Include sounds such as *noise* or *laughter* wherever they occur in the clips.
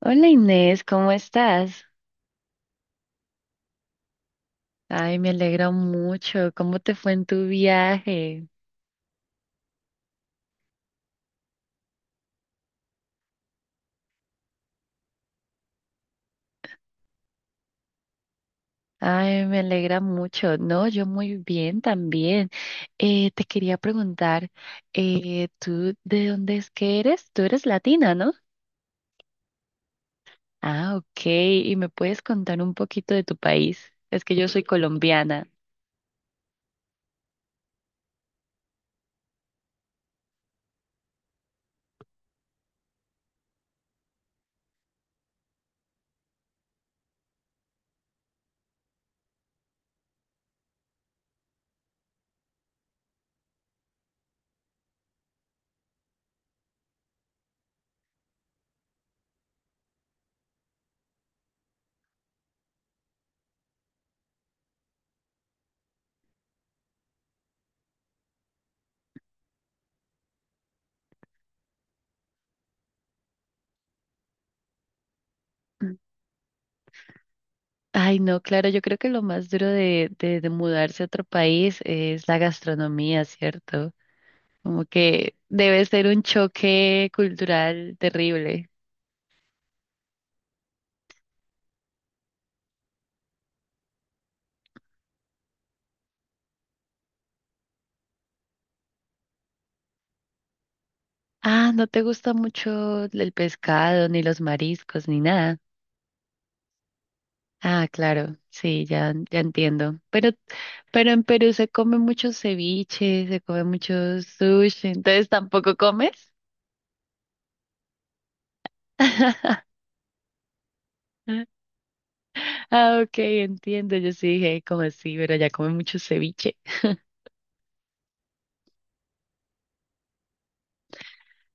Hola Inés, ¿cómo estás? Ay, me alegra mucho. ¿Cómo te fue en tu viaje? Ay, me alegra mucho. No, yo muy bien también. Te quería preguntar, ¿tú de dónde es que eres? Tú eres latina, ¿no? Ah, ok. ¿Y me puedes contar un poquito de tu país? Es que yo soy colombiana. Mm. Ay, no, claro, yo creo que lo más duro de mudarse a otro país es la gastronomía, ¿cierto? Como que debe ser un choque cultural terrible. Ah, no te gusta mucho el pescado, ni los mariscos, ni nada. Ah, claro, sí, ya, ya entiendo. Pero en Perú se come muchos ceviches, se come muchos sushi, entonces tampoco comes. *laughs* Ah, ok, entiendo. Yo sí dije, como así, pero ya come mucho ceviche. *laughs*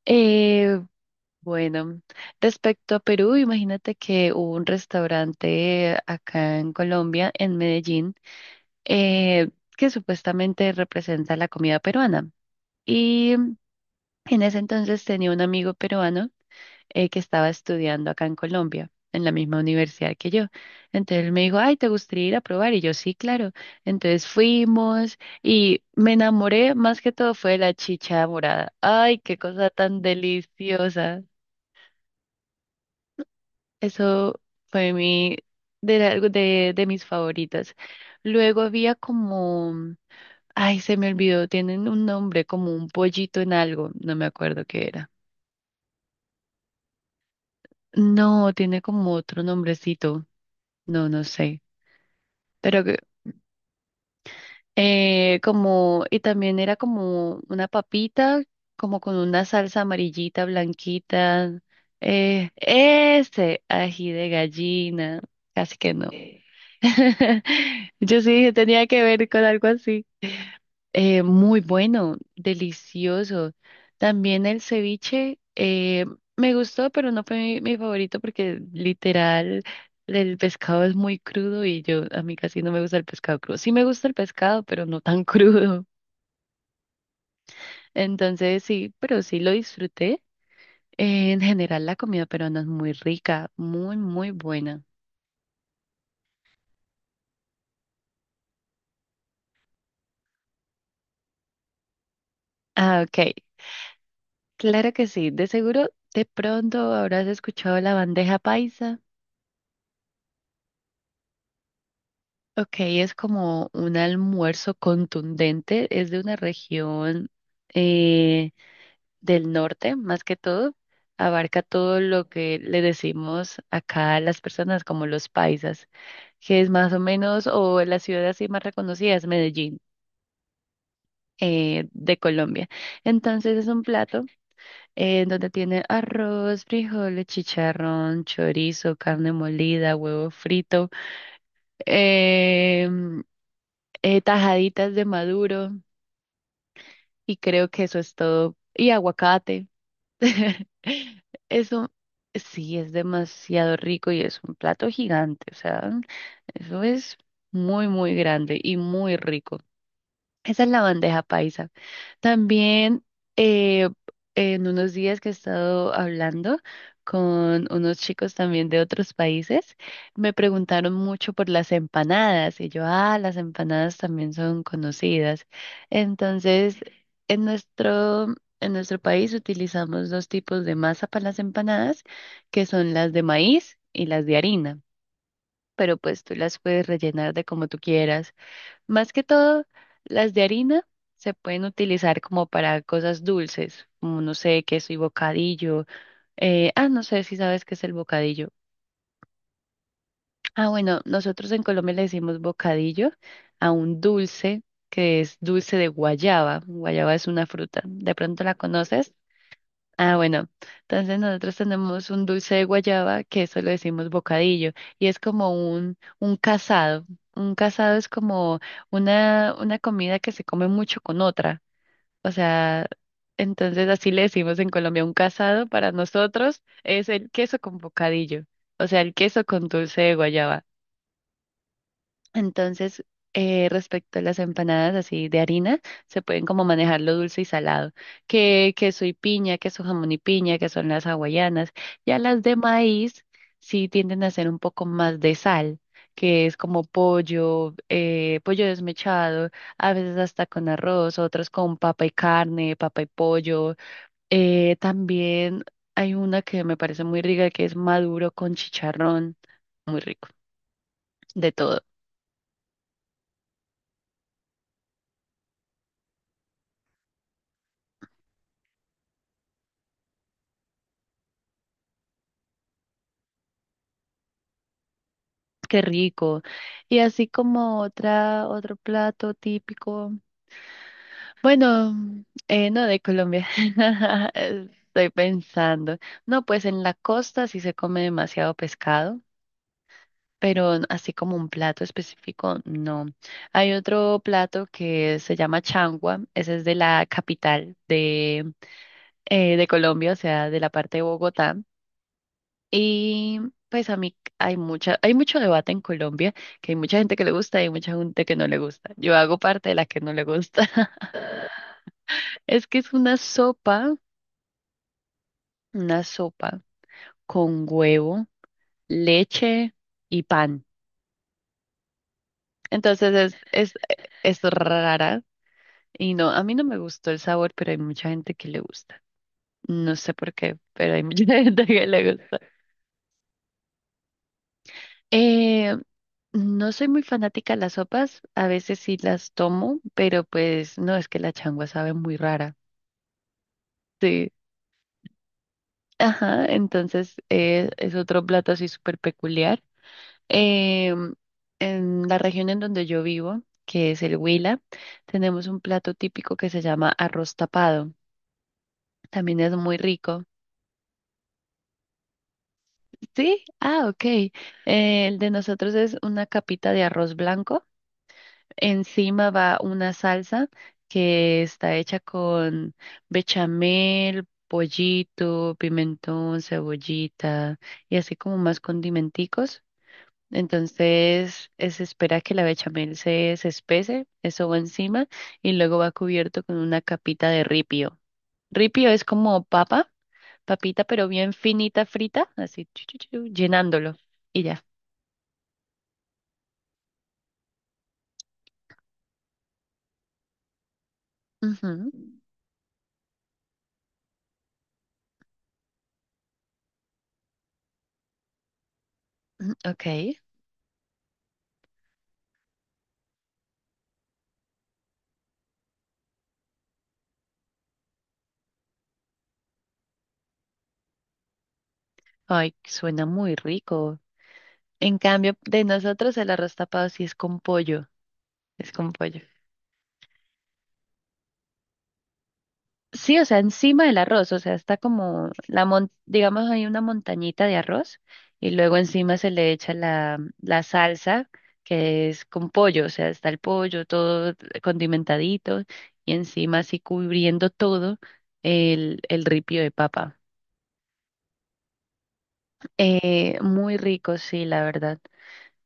Eh, Bueno, respecto a Perú, imagínate que hubo un restaurante acá en Colombia, en Medellín, eh, que supuestamente representa la comida peruana. Y en ese entonces tenía un amigo peruano, que estaba estudiando acá en Colombia, en la misma universidad que yo. Entonces él me dijo, ay, ¿te gustaría ir a probar? Y yo, sí, claro. Entonces fuimos y me enamoré, más que todo fue de la chicha morada. Ay, qué cosa tan deliciosa. Eso fue mi de mis favoritas. Luego había como, ay, se me olvidó, tienen un nombre, como un pollito en algo, no me acuerdo qué era. No, tiene como otro nombrecito, no, no sé. Pero y también era como una papita, como con una salsa amarillita, blanquita. Ese ají de gallina, casi que no. *laughs* Yo sí tenía que ver con algo así. Muy bueno, delicioso. También el ceviche me gustó, pero no fue mi favorito porque literal el pescado es muy crudo y yo a mí casi no me gusta el pescado crudo. Sí me gusta el pescado, pero no tan *laughs* crudo. Entonces sí, pero sí lo disfruté. En general la comida peruana es muy rica, muy, muy buena. Ah, ok, claro que sí. De seguro, de pronto habrás escuchado la bandeja paisa. Ok, es como un almuerzo contundente, es de una región, eh, del norte, más que todo, abarca todo lo que le decimos acá a las personas como los paisas, que es más o menos, o la ciudad así más reconocida es Medellín, de Colombia. Entonces es un plato, donde tiene arroz, frijoles, chicharrón, chorizo, carne molida, huevo frito, em, tajaditas de maduro. Y creo que eso es todo. Y aguacate. *laughs* Eso sí es demasiado rico y es un plato gigante. O sea, eso es muy, muy grande y muy rico. Esa es la bandeja paisa. También, eh, en unos días que he estado hablando con unos chicos también de otros países, me preguntaron mucho por las empanadas y yo, ah, las empanadas también son conocidas. Entonces, en nuestro, en nuestro país utilizamos dos tipos de masa para las empanadas, que son las de maíz y las de harina, pero pues tú las puedes rellenar de como tú quieras. Más que todo, las de harina se pueden utilizar como para cosas dulces, como no sé, queso y bocadillo. No sé si sabes qué es el bocadillo. Ah, bueno, nosotros en Colombia le decimos bocadillo a un dulce que es dulce de guayaba. Guayaba es una fruta. ¿De pronto la conoces? Ah, bueno, entonces nosotros tenemos un dulce de guayaba que eso lo decimos bocadillo y es como un casado. Un casado es como una comida que se come mucho con otra. O sea, entonces así le decimos en Colombia, un casado para nosotros es el queso con bocadillo, o sea, el queso con dulce de guayaba. Entonces, respecto a las empanadas así de harina, se pueden como manejar lo dulce y salado, que queso y piña, queso jamón y piña, que son las hawaianas. Ya las de maíz sí tienden a ser un poco más de sal, que es como pollo, pollo desmechado, a veces hasta con arroz, otras con papa y carne, papa y pollo. También hay una que me parece muy rica, que es maduro con chicharrón, muy rico, de todo. Qué rico. Y así como otra, otro plato típico. Bueno, no, de Colombia. *laughs* Estoy pensando. No, pues en la costa sí se come demasiado pescado, pero así como un plato específico, no. Hay otro plato que se llama changua. Ese es de la capital de Colombia, o sea, de la parte de Bogotá. Y pues a mí hay mucha, hay mucho debate en Colombia, que hay mucha gente que le gusta y hay mucha gente que no le gusta. Yo hago parte de la que no le gusta. *laughs* Es que es una sopa con huevo, leche y pan. Entonces es rara y no, a mí no me gustó el sabor, pero hay mucha gente que le gusta. No sé por qué, pero hay mucha *laughs* gente que le gusta. Eh, no soy muy fanática de las sopas, a veces sí las tomo, pero pues no, es que la changua sabe muy rara. Sí, ajá, entonces es otro plato así súper peculiar. Em, en la región en donde yo vivo, que es el Huila, tenemos un plato típico que se llama arroz tapado. También es muy rico. Sí, ah, ok. El de nosotros es una capita de arroz blanco. Encima va una salsa que está hecha con bechamel, pollito, pimentón, cebollita y así como más condimenticos. Entonces, se espera que la bechamel se espese, eso va encima y luego va cubierto con una capita de ripio. Ripio es como papa, papita pero bien finita frita, así chu, chu, chu, llenándolo y ya. Ujú. Ok. Ay, suena muy rico. En cambio, de nosotros el arroz tapado sí es con pollo, es con pollo. Sí, o sea, encima del arroz, o sea, está como la digamos hay una montañita de arroz y luego encima se le echa la salsa que es con pollo, o sea, está el pollo todo condimentadito y encima así cubriendo todo el ripio de papa. Muy rico, sí, la verdad.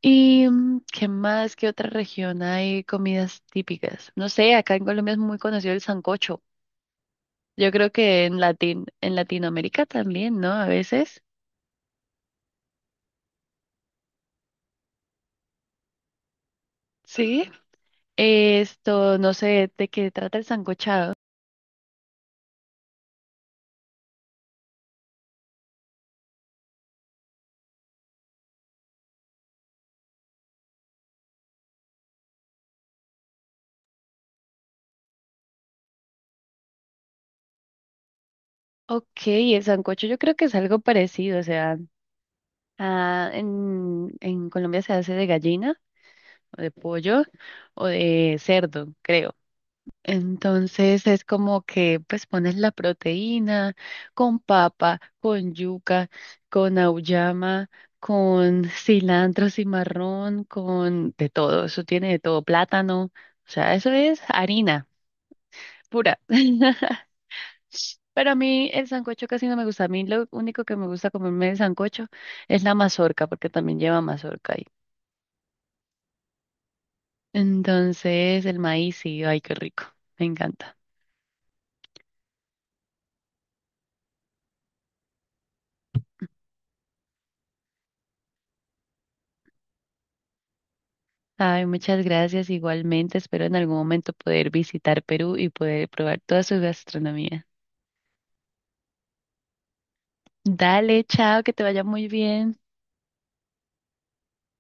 ¿Y mm, qué más? ¿Qué otra región hay comidas típicas? No sé, acá en Colombia es muy conocido el sancocho. Yo creo que en en Latinoamérica también, ¿no? A veces. Sí, esto, no sé de qué trata el sancochado. Ok, el sancocho yo creo que es algo parecido, o sea, ah, en Colombia se hace de gallina, o de pollo, o de cerdo, creo. Entonces es como que pues pones la proteína con papa, con yuca, con auyama, con cilantro, cimarrón, con de todo, eso tiene de todo, plátano, o sea, eso es harina pura. *laughs* Pero a mí el sancocho casi no me gusta, a mí lo único que me gusta comerme el sancocho es la mazorca, porque también lleva mazorca ahí. Entonces el maíz, sí, ay, qué rico, me encanta. Ay, muchas gracias igualmente. Espero en algún momento poder visitar Perú y poder probar toda su gastronomía. Dale, chao, que te vaya muy bien.